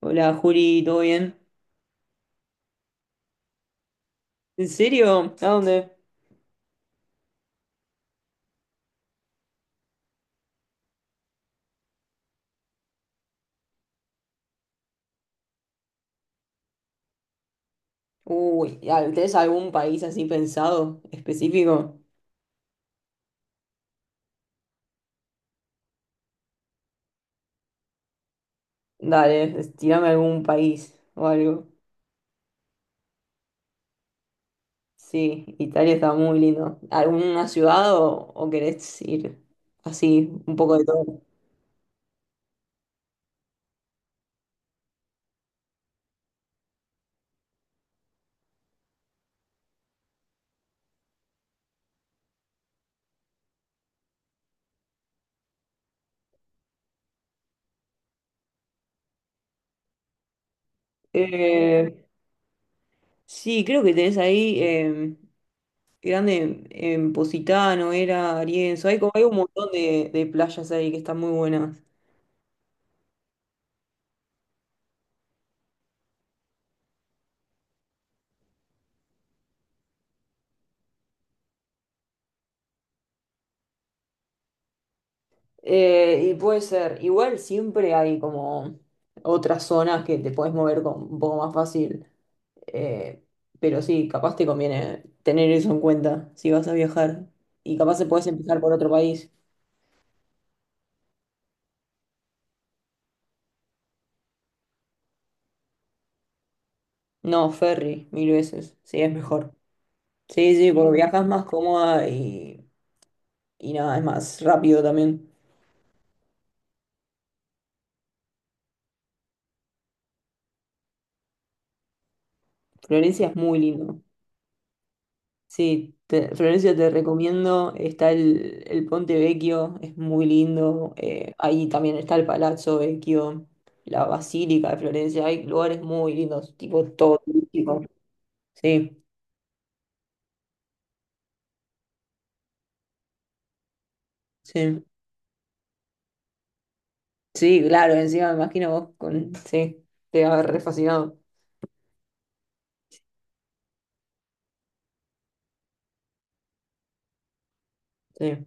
Hola Juli, ¿todo bien? ¿En serio? ¿A dónde? Uy, ya, ¿tenés algún país así pensado, específico? Dale, tirame algún país o algo. Sí, Italia está muy lindo. ¿Alguna ciudad o querés ir así, un poco de todo? Eh, sí, creo que tenés ahí grande en Positano, era Arienzo. Hay, como, hay un montón de playas ahí que están muy buenas. Y puede ser, igual siempre hay como otras zonas que te puedes mover con, un poco más fácil, eh, pero sí, capaz te conviene tener eso en cuenta si vas a viajar. Y capaz te puedes empezar por otro país. No, ferry, mil veces, sí, es mejor. Sí, sí, porque viajas más cómoda y nada, es más rápido también. Florencia es muy lindo. Sí, Florencia, te recomiendo. Está el Ponte Vecchio, es muy lindo. Eh, ahí también está el Palazzo Vecchio, la Basílica de Florencia. Hay lugares muy lindos, tipo todo turístico. Sí, sí, sí, claro. Encima me imagino vos con. Sí, te va a haber re fascinado. Sí,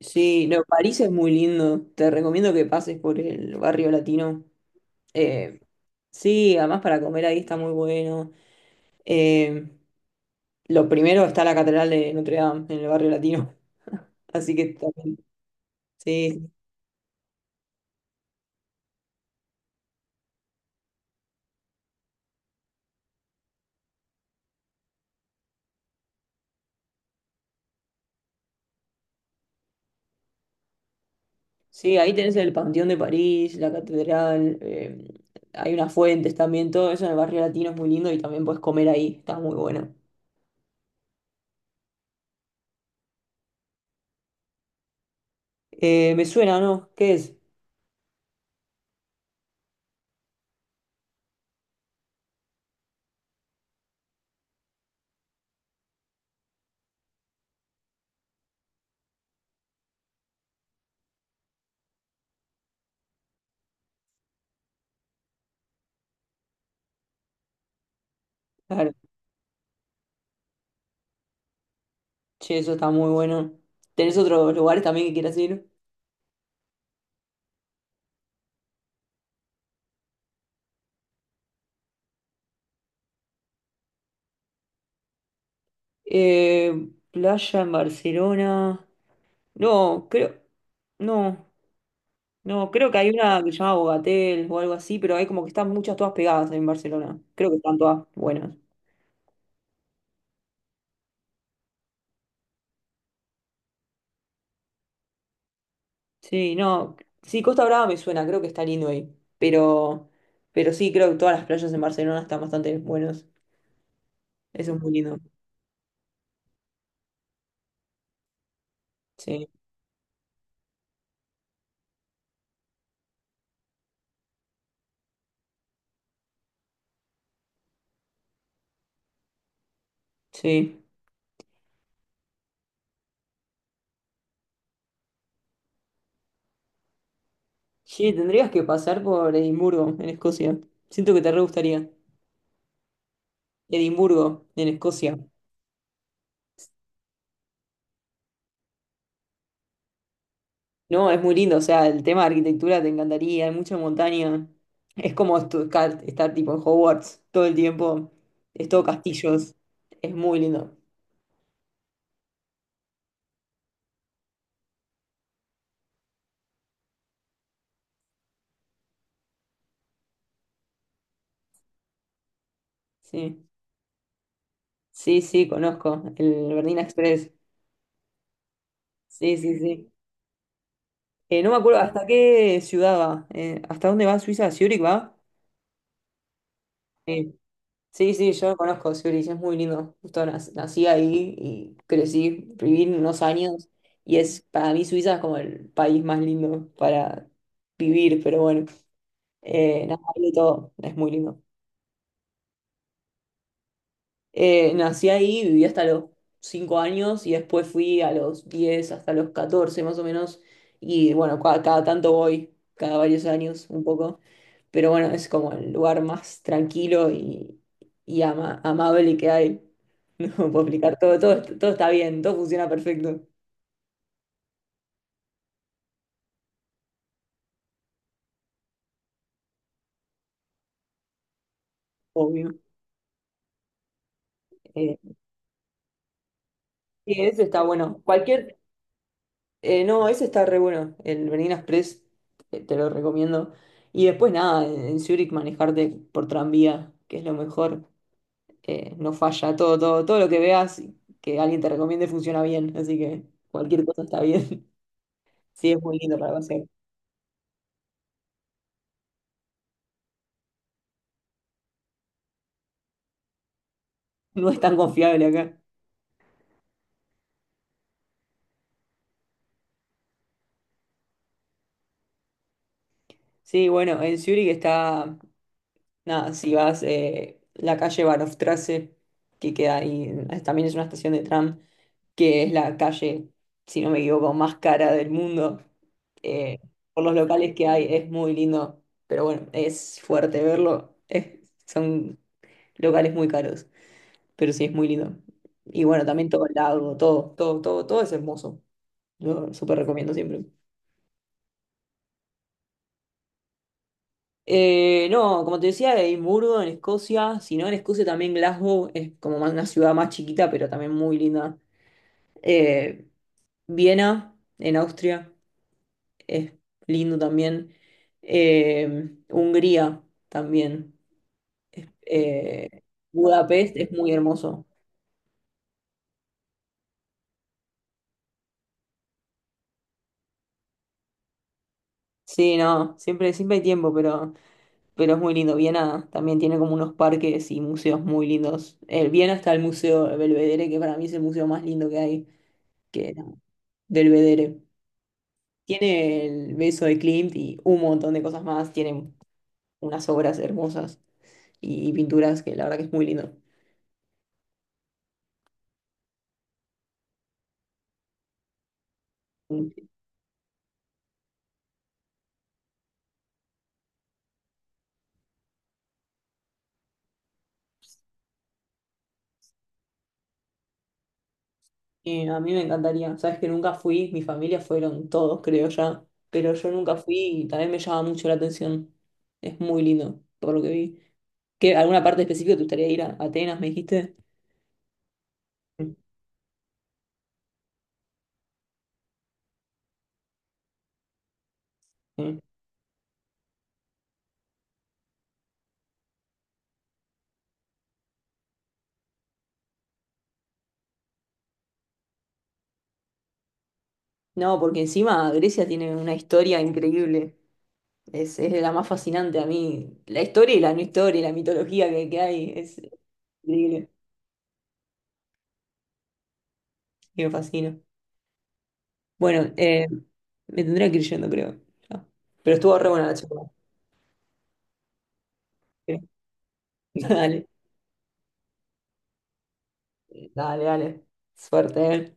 sí, no, París es muy lindo. Te recomiendo que pases por el barrio latino. Eh, sí, además para comer ahí está muy bueno. Eh, Lo primero está la Catedral de Notre Dame en el barrio latino. Así que también. Sí, sí, ahí tenés el Panteón de París, la catedral, hay unas fuentes también, todo eso en el barrio latino es muy lindo y también puedes comer ahí, está muy bueno. Me suena, ¿no? ¿Qué es? Claro, che, eso está muy bueno. ¿Tenés otros lugares también que quieras ir? Playa en Barcelona. No, creo. No. No, creo que hay una que se llama Bogatel o algo así, pero hay como que están muchas todas pegadas en Barcelona. Creo que están todas buenas. Sí, no. Sí, Costa Brava me suena, creo que está lindo ahí. Pero sí, creo que todas las playas en Barcelona están bastante buenas. Eso es muy lindo. Sí, sí. Sí, tendrías que pasar por Edimburgo, en Escocia. Siento que te re gustaría. Edimburgo, en Escocia. No, es muy lindo, o sea, el tema de arquitectura te encantaría, hay mucha montaña. Es como estar tipo en Hogwarts todo el tiempo, es todo castillos, es muy lindo. Sí, sí, sí, conozco el Bernina Express. Sí, sí, sí. No me acuerdo hasta qué ciudad va, hasta dónde va Suiza, Zurich va. eh, Sí, sí, yo conozco Zurich, es muy lindo. Justo nací ahí y crecí, viví unos años y es para mí Suiza es como el país más lindo para vivir, pero bueno, nada, hay de todo, es muy lindo. Nací ahí, viví hasta los 5 años y después fui a los 10 hasta los 14 más o menos. Y bueno, cada, tanto voy, cada varios años un poco. Pero bueno, es como el lugar más tranquilo y amable que hay. No puedo explicar todo, todo, todo está bien, todo funciona perfecto, obvio. Eh, y eso está bueno. Cualquier eh, no, ese está re bueno, el Berlín Express, te lo recomiendo. Y después nada, en Zurich manejarte por tranvía, que es lo mejor, no falla, todo, todo, todo lo que veas que alguien te recomiende funciona bien, así que cualquier cosa está bien. Sí, es muy lindo para pasear. No es tan confiable acá. Sí, bueno, en Zurich está, nada, si vas la calle Bahnhofstrasse, que queda ahí, también es una estación de tram que es la calle, si no me equivoco, más cara del mundo, eh, por los locales que hay, es muy lindo, pero bueno, es fuerte verlo, son locales muy caros, pero sí es muy lindo. Y bueno, también todo el lago, todo, todo, todo, todo es hermoso, lo súper recomiendo siempre. No, como te decía, Edimburgo en Escocia, si no en Escocia también Glasgow es como más una ciudad más chiquita, pero también muy linda. Eh, Viena en Austria. Es lindo también. Hungría también. Es- eh, Budapest es muy hermoso. Sí, no, siempre, siempre hay tiempo, pero es muy lindo. Viena también tiene como unos parques y museos muy lindos. El Viena está el Museo Belvedere, que para mí es el museo más lindo que hay, que del Belvedere. Tiene el beso de Klimt y un montón de cosas más. Tiene unas obras hermosas y pinturas que la verdad que es muy lindo. A mí me encantaría. Sabes que nunca fui, mi familia fueron todos, creo ya, pero yo nunca fui y también me llama mucho la atención. Es muy lindo, por lo que vi. ¿Qué, alguna parte específica te gustaría ir a Atenas, me dijiste? Mm. No, porque encima Grecia tiene una historia increíble. Es de la más fascinante a mí. La historia y la no historia y la mitología que hay es increíble y me fascina. Bueno, me tendría que ir yendo, creo. Ya. Pero estuvo re buena la charla. Dale. Dale, dale. Suerte. Eh.